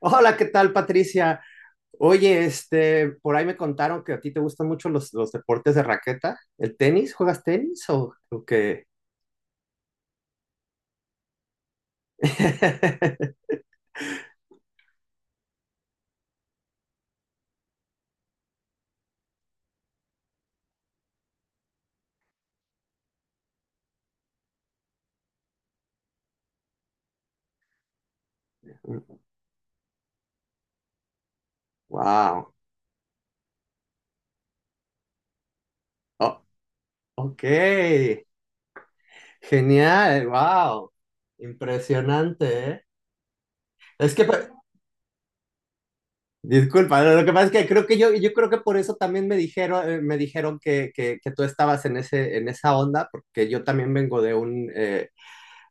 Hola, ¿qué tal, Patricia? Oye, por ahí me contaron que a ti te gustan mucho los deportes de raqueta. ¿El tenis? ¿Juegas tenis o qué? Wow. Oh, ok. Genial. Wow. Impresionante, ¿eh? Es que, disculpa, lo que pasa es que creo que yo creo que por eso también me dijeron que tú estabas en en esa onda, porque yo también vengo de un, eh,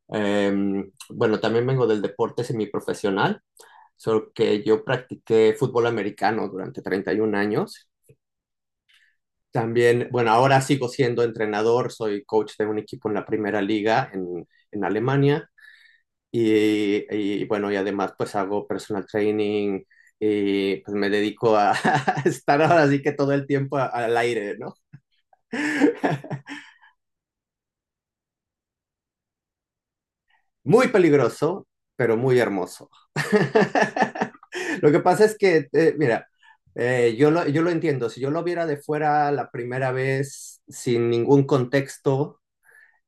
em, bueno, también vengo del deporte semiprofesional. Solo que yo practiqué fútbol americano durante 31 años. También, bueno, ahora sigo siendo entrenador, soy coach de un equipo en la primera liga en Alemania y bueno, y además pues hago personal training y pues me dedico a, a estar ahora así que todo el tiempo al aire, ¿no? Muy peligroso, pero muy hermoso. Lo que pasa es que, mira, yo lo entiendo. Si yo lo viera de fuera la primera vez sin ningún contexto,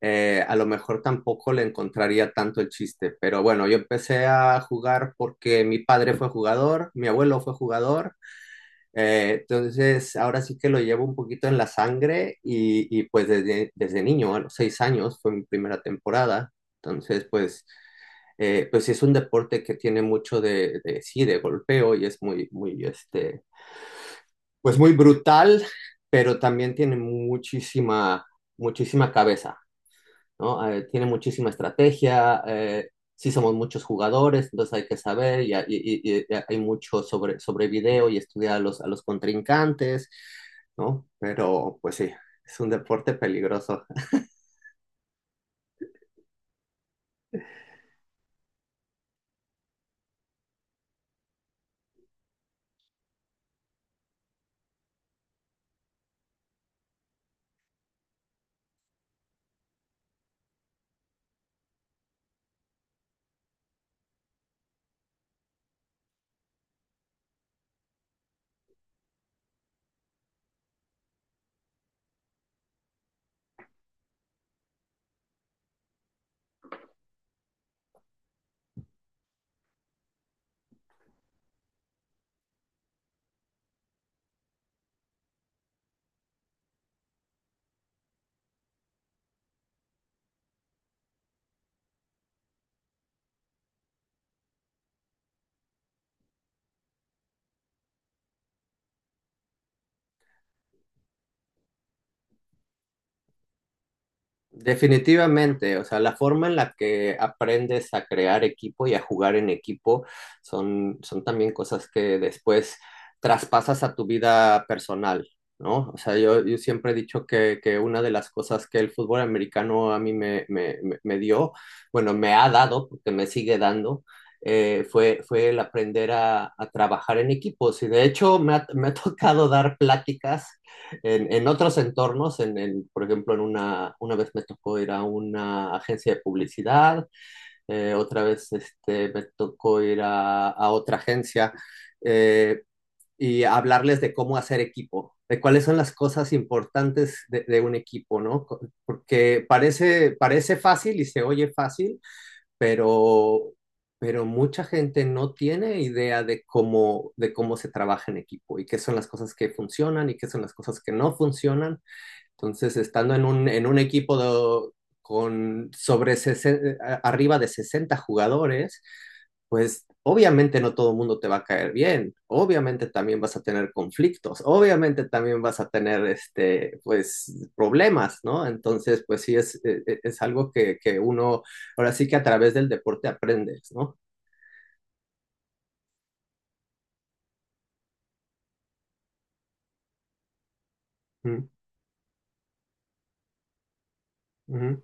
a lo mejor tampoco le encontraría tanto el chiste. Pero bueno, yo empecé a jugar porque mi padre fue jugador, mi abuelo fue jugador. Entonces, ahora sí que lo llevo un poquito en la sangre y pues desde niño, a los seis años, fue mi primera temporada. Entonces, pues pues sí es un deporte que tiene mucho sí, de golpeo y es muy, muy, pues muy brutal, pero también tiene muchísima, muchísima cabeza, ¿no? Tiene muchísima estrategia, sí somos muchos jugadores, entonces hay que saber hay mucho sobre video y estudiar a a los contrincantes, ¿no? Pero pues sí, es un deporte peligroso. Definitivamente, o sea, la forma en la que aprendes a crear equipo y a jugar en equipo son, son también cosas que después traspasas a tu vida personal, ¿no? O sea, yo siempre he dicho que una de las cosas que el fútbol americano a mí me dio, bueno, me ha dado, porque me sigue dando, fue el aprender a trabajar en equipos. Y de hecho me ha tocado dar pláticas en otros entornos, por ejemplo, en una vez me tocó ir a una agencia de publicidad, otra vez este, me tocó ir a otra agencia eh, y hablarles de cómo hacer equipo, de cuáles son las cosas importantes de un equipo, ¿no? Porque parece, parece fácil y se oye fácil, pero, pero mucha gente no tiene idea de cómo se trabaja en equipo y qué son las cosas que funcionan y qué son las cosas que no funcionan. Entonces, estando en un con arriba de 60 jugadores, pues obviamente no todo el mundo te va a caer bien, obviamente también vas a tener conflictos, obviamente también vas a tener este, pues, problemas, ¿no? Entonces, pues sí, es algo que uno, ahora sí que a través del deporte aprendes, ¿no? Mm, ujú.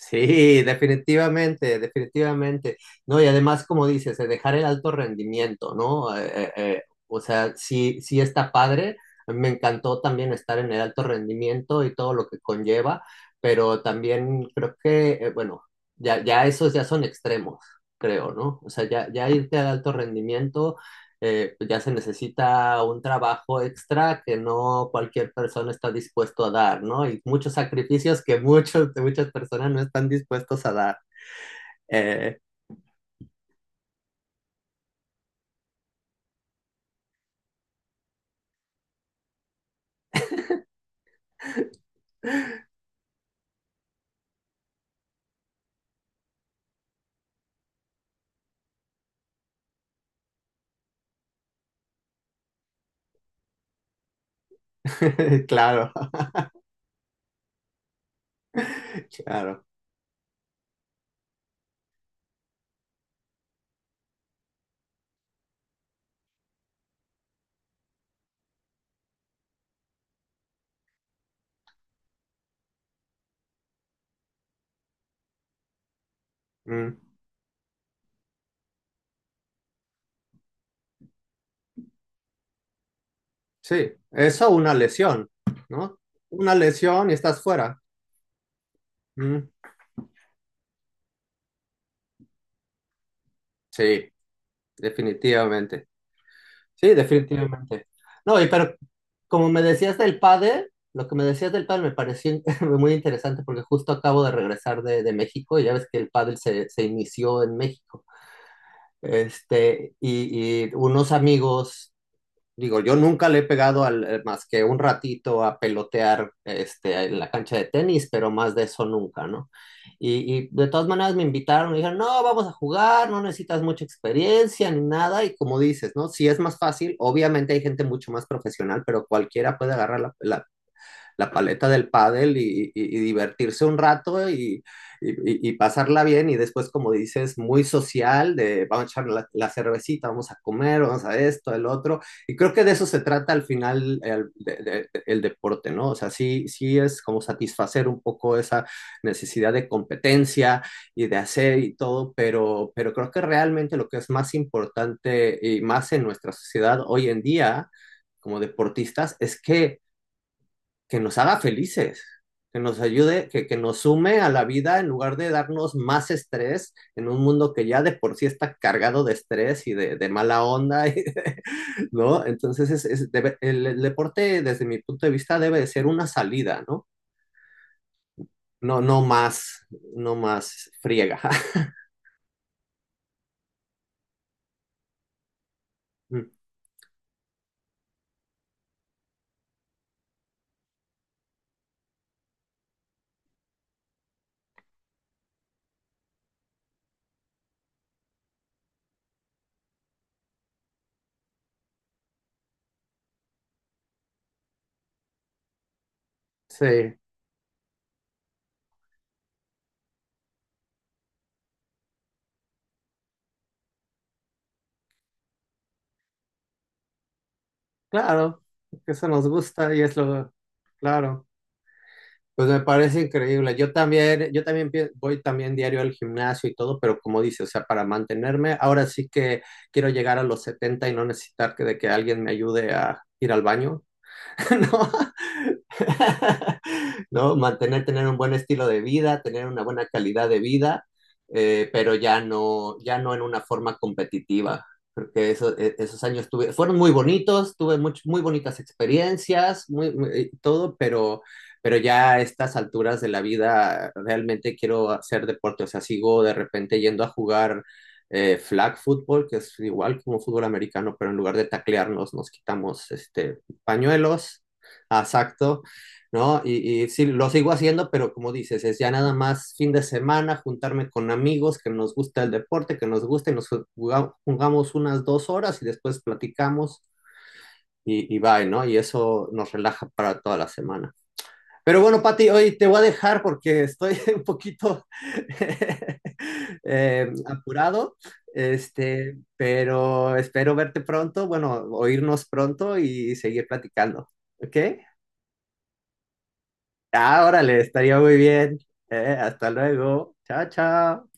Sí, definitivamente, definitivamente. No, y además, como dices, dejar el alto rendimiento, ¿no? O sea, sí, sí está padre. A mí me encantó también estar en el alto rendimiento y todo lo que conlleva, pero también creo que, bueno, ya esos ya son extremos, creo, ¿no? O sea, ya irte al alto rendimiento pues ya se necesita un trabajo extra que no cualquier persona está dispuesto a dar, ¿no? Y muchos sacrificios que muchas personas no están dispuestos a dar. Eh, claro, claro. Mm, sí, eso una lesión, ¿no? Una lesión y estás fuera. Mm, sí, definitivamente. Sí, definitivamente. No, y pero como me decías del pádel, lo que me decías del pádel me pareció muy interesante porque justo acabo de regresar de México y ya ves que el pádel se inició en México. Este, y unos amigos. Digo, yo nunca le he pegado al, más que un ratito a pelotear este, en la cancha de tenis, pero más de eso nunca, ¿no? Y de todas maneras me invitaron, me dijeron, no, vamos a jugar, no necesitas mucha experiencia ni nada, y como dices, ¿no? Si es más fácil, obviamente hay gente mucho más profesional, pero cualquiera puede agarrar la paleta del pádel y divertirse un rato y pasarla bien y después, como dices, muy social, de vamos a echar cervecita, vamos a comer, vamos a esto, el otro. Y creo que de eso se trata al final el deporte, ¿no? O sea, sí es como satisfacer un poco esa necesidad de competencia y de hacer y todo, pero creo que realmente lo que es más importante y más en nuestra sociedad hoy en día como deportistas es que nos haga felices, que nos ayude, que nos sume a la vida en lugar de darnos más estrés en un mundo que ya de por sí está cargado de estrés y de mala onda, y de... ¿no? Entonces el deporte desde mi punto de vista debe de ser una salida, ¿no? No, no más, no más friega. Sí, claro, eso nos gusta y es lo, claro. Pues me parece increíble. Yo también, voy también diario al gimnasio y todo, pero como dice, o sea, para mantenerme, ahora sí que quiero llegar a los 70 y no necesitar que de que alguien me ayude a ir al baño, ¿no? ¿no? Mantener, tener un buen estilo de vida, tener una buena calidad de vida, pero ya no, ya no en una forma competitiva. Porque eso, esos años tuve, fueron muy bonitos, tuve muy bonitas experiencias, todo, pero ya a estas alturas de la vida realmente quiero hacer deporte. O sea, sigo de repente yendo a jugar flag football, que es igual como fútbol americano, pero en lugar de taclearnos, nos quitamos este, pañuelos. Ah, exacto, ¿no? Y sí, lo sigo haciendo, pero como dices, es ya nada más fin de semana, juntarme con amigos que nos gusta el deporte, que nos guste, nos jugamos, jugamos unas dos horas y después platicamos y bye, ¿no? Y eso nos relaja para toda la semana. Pero bueno, Pati, hoy te voy a dejar porque estoy un poquito apurado, este, pero espero verte pronto, bueno, oírnos pronto y seguir platicando, ¿ok? Ah, órale, estaría muy bien. Hasta luego. Chao, chao.